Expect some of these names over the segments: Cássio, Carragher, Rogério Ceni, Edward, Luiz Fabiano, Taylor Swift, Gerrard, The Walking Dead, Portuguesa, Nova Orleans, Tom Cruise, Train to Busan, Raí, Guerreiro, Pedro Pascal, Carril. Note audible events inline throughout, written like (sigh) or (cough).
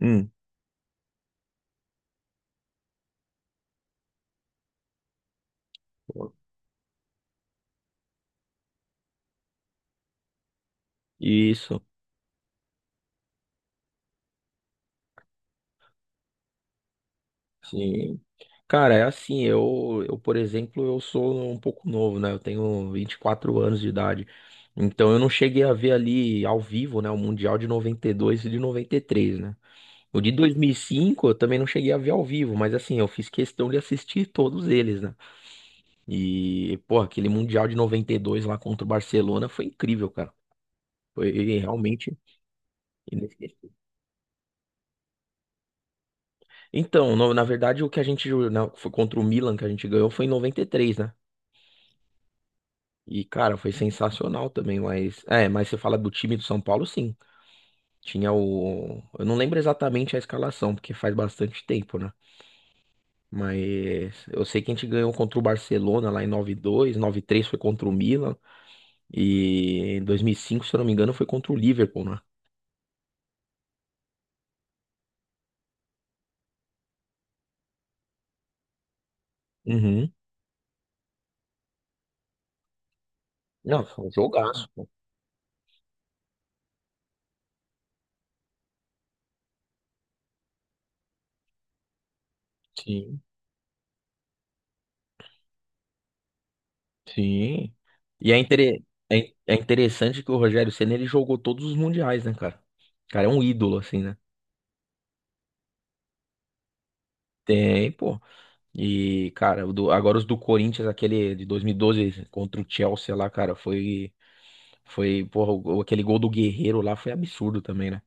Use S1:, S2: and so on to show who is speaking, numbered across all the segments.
S1: Hum, isso, sim. Cara, é assim, eu, por exemplo, eu sou um pouco novo, né? Eu tenho 24 anos de idade. Então eu não cheguei a ver ali ao vivo, né, o Mundial de noventa e dois e de noventa e três, né? O de 2005 eu também não cheguei a ver ao vivo, mas assim, eu fiz questão de assistir todos eles, né? E, pô, aquele Mundial de 92 lá contra o Barcelona foi incrível, cara. Foi realmente. Então, na verdade, o que foi contra o Milan que a gente ganhou foi em noventa e três, né? E, cara, foi sensacional também, mas. É, mas você fala do time do São Paulo, sim. Tinha o. Eu não lembro exatamente a escalação, porque faz bastante tempo, né? Mas eu sei que a gente ganhou contra o Barcelona lá em 9-2, 9 três foi contra o Milan. E em 2005, se eu não me engano, foi contra o Liverpool, né? Uhum. Não, foi um jogaço, pô. Sim. Sim. E é interessante que o Rogério Ceni ele jogou todos os mundiais, né, cara? O cara é um ídolo, assim, né? Tem, pô. E, cara, agora os do Corinthians, aquele de 2012 contra o Chelsea lá, cara, foi. Foi, porra, aquele gol do Guerreiro lá foi absurdo também, né?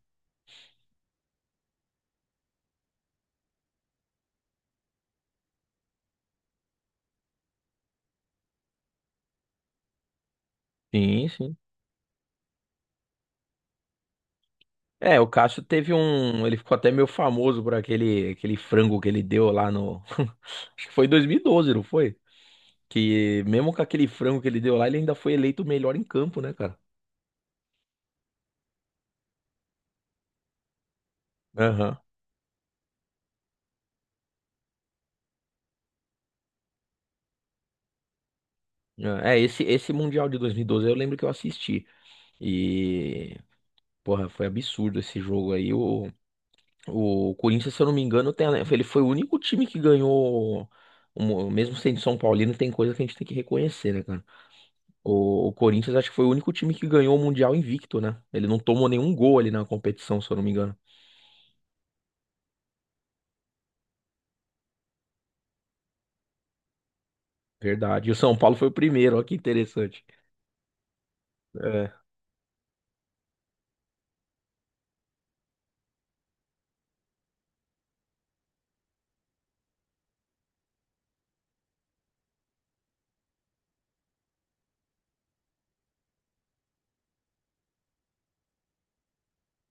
S1: Sim, sim. É, o Cássio teve um. Ele ficou até meio famoso por aquele frango que ele deu lá no. (laughs) Acho que foi em 2012, não foi? Que mesmo com aquele frango que ele deu lá, ele ainda foi eleito o melhor em campo, né, cara? Aham. É, esse Mundial de 2012 eu lembro que eu assisti. E, porra, foi absurdo esse jogo aí. O Corinthians, se eu não me engano, ele foi o único time que ganhou. Mesmo sendo São Paulino, tem coisa que a gente tem que reconhecer, né, cara? O Corinthians, acho que foi o único time que ganhou o Mundial invicto, né? Ele não tomou nenhum gol ali na competição, se eu não me engano. Verdade. E o São Paulo foi o primeiro, olha que interessante. É.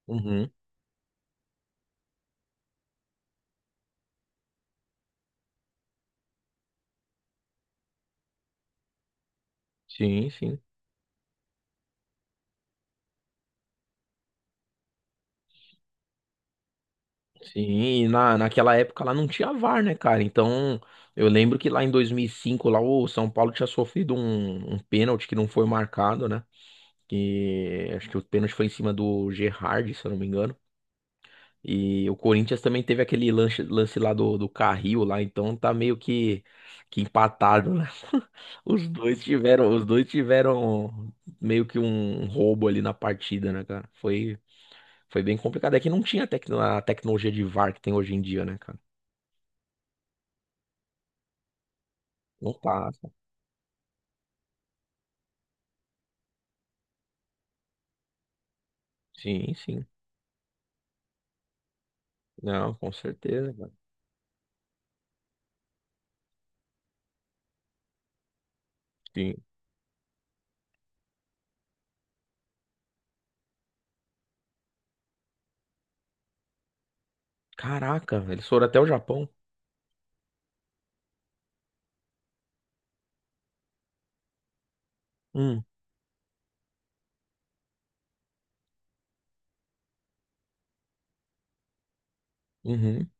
S1: Uhum. Sim, sim. Sim, e naquela época lá não tinha VAR, né, cara? Então, eu lembro que lá em 2005, lá o São Paulo tinha sofrido um pênalti que não foi marcado, né? Que acho que o pênalti foi em cima do Gerrard, se eu não me engano. E o Corinthians também teve aquele lance lá do Carril lá, então tá meio que empatado, né? (laughs) Os dois tiveram meio que um roubo ali na partida, né, cara? Foi bem complicado. É que não tinha a tecnologia de VAR que tem hoje em dia, né, cara? Não passa. Sim, sim. Não, com certeza, cara. Sim. Caraca, eles foram até o Japão. Hum, uhum.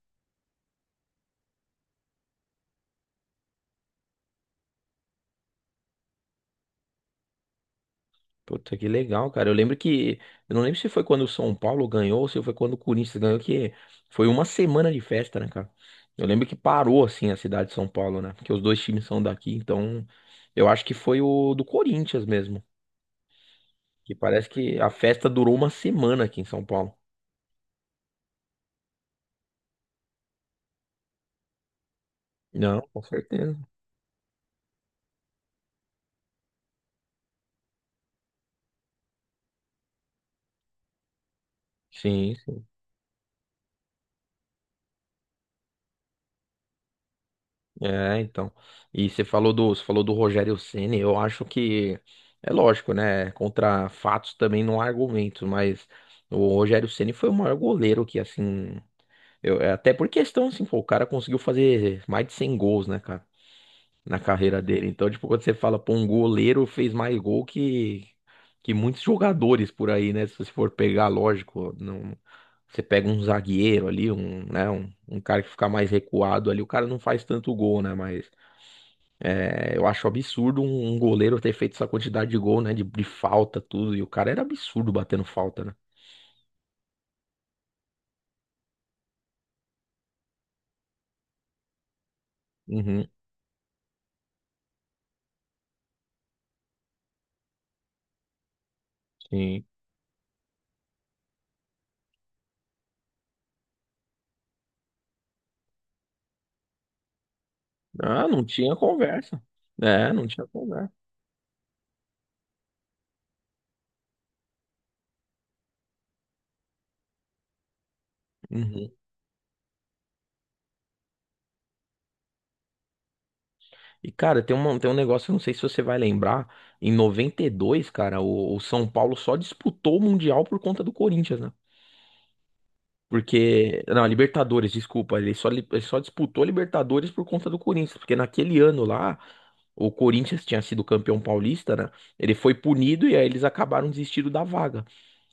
S1: Puta, que legal, cara. Eu lembro que. Eu não lembro se foi quando o São Paulo ganhou ou se foi quando o Corinthians ganhou, que foi uma semana de festa, né, cara? Eu lembro que parou, assim, a cidade de São Paulo, né? Porque os dois times são daqui, então. Eu acho que foi o do Corinthians mesmo. Que parece que a festa durou uma semana aqui em São Paulo. Não, com certeza. Sim, sim. É, então. E você falou do Rogério Ceni, eu acho que é lógico, né? Contra fatos também não há argumento, mas o Rogério Ceni foi o maior goleiro que, assim, eu, até por questão assim, pô, o cara conseguiu fazer mais de 100 gols, né, cara, na carreira dele. Então, tipo, quando você fala, pô, um goleiro fez mais gol que muitos jogadores por aí, né? Se você for pegar, lógico, não. Você pega um zagueiro ali, um, né, um cara que fica mais recuado ali, o cara não faz tanto gol, né? Mas é, eu acho absurdo um goleiro ter feito essa quantidade de gol, né? De falta, tudo. E o cara era absurdo batendo falta, né? Uhum, sim. Ah, não tinha conversa. É, não tinha conversa. Uhum. E, cara, tem um negócio, eu não sei se você vai lembrar. Em 92, cara, o São Paulo só disputou o Mundial por conta do Corinthians, né? Porque. Não, a Libertadores, desculpa. Ele só disputou a Libertadores por conta do Corinthians. Porque naquele ano lá, o Corinthians tinha sido campeão paulista, né? Ele foi punido e aí eles acabaram desistindo da vaga.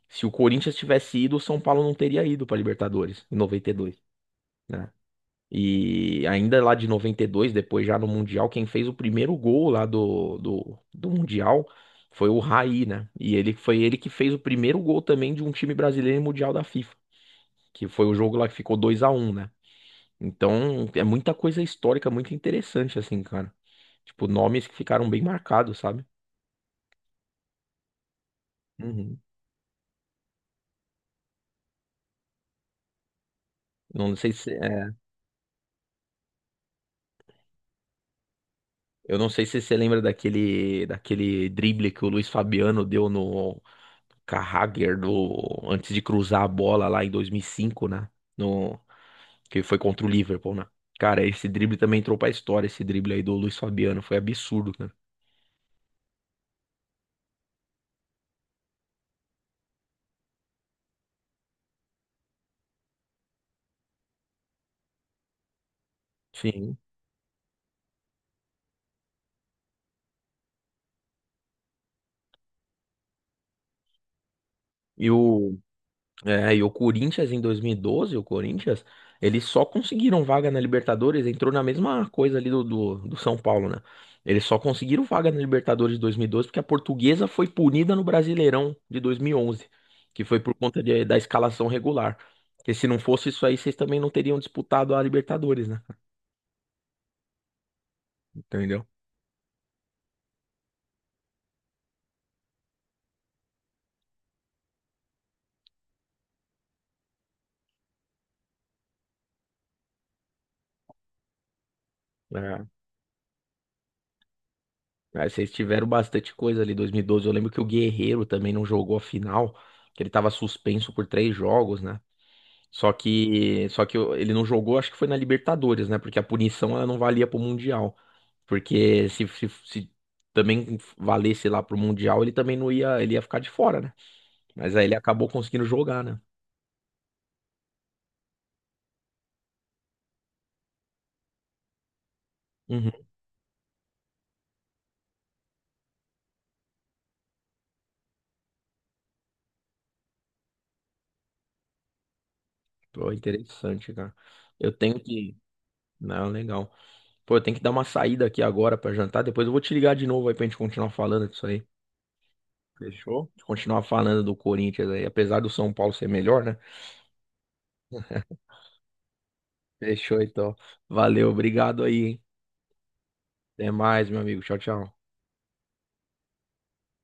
S1: Se o Corinthians tivesse ido, o São Paulo não teria ido pra Libertadores em 92, né? E ainda lá de 92, depois já no Mundial, quem fez o primeiro gol lá do Mundial foi o Raí, né? E ele foi ele que fez o primeiro gol também de um time brasileiro em Mundial da FIFA, que foi o jogo lá que ficou 2-1, né? Então, é muita coisa histórica, muito interessante, assim, cara. Tipo, nomes que ficaram bem marcados, sabe? Uhum. Não sei se, é, eu não sei se você lembra daquele drible que o Luiz Fabiano deu no Carragher antes de cruzar a bola lá em 2005, né? No, que foi contra o Liverpool, né? Cara, esse drible também entrou pra história, esse drible aí do Luiz Fabiano, foi absurdo, cara. Sim. E o, e o Corinthians em 2012, eles só conseguiram vaga na Libertadores, entrou na mesma coisa ali do São Paulo, né? Eles só conseguiram vaga na Libertadores de 2012 porque a Portuguesa foi punida no Brasileirão de 2011, que foi por conta da escalação regular. Porque se não fosse isso aí, vocês também não teriam disputado a Libertadores, né? Entendeu? É, aí vocês tiveram bastante coisa ali em 2012. Eu lembro que o Guerreiro também não jogou a final, que ele tava suspenso por três jogos, né? Só que ele não jogou, acho que foi na Libertadores, né? Porque a punição ela não valia pro Mundial. Porque se também valesse lá pro Mundial, ele também não ia, ele ia ficar de fora, né? Mas aí ele acabou conseguindo jogar, né? Uhum. Pô, interessante, cara. Eu tenho que. Não, legal. Pô, eu tenho que dar uma saída aqui agora pra jantar. Depois eu vou te ligar de novo aí pra gente continuar falando disso aí. Fechou? Continuar falando do Corinthians aí, apesar do São Paulo ser melhor, né? Fechou, então. Valeu, obrigado aí, hein? Até mais, meu amigo. Tchau, tchau.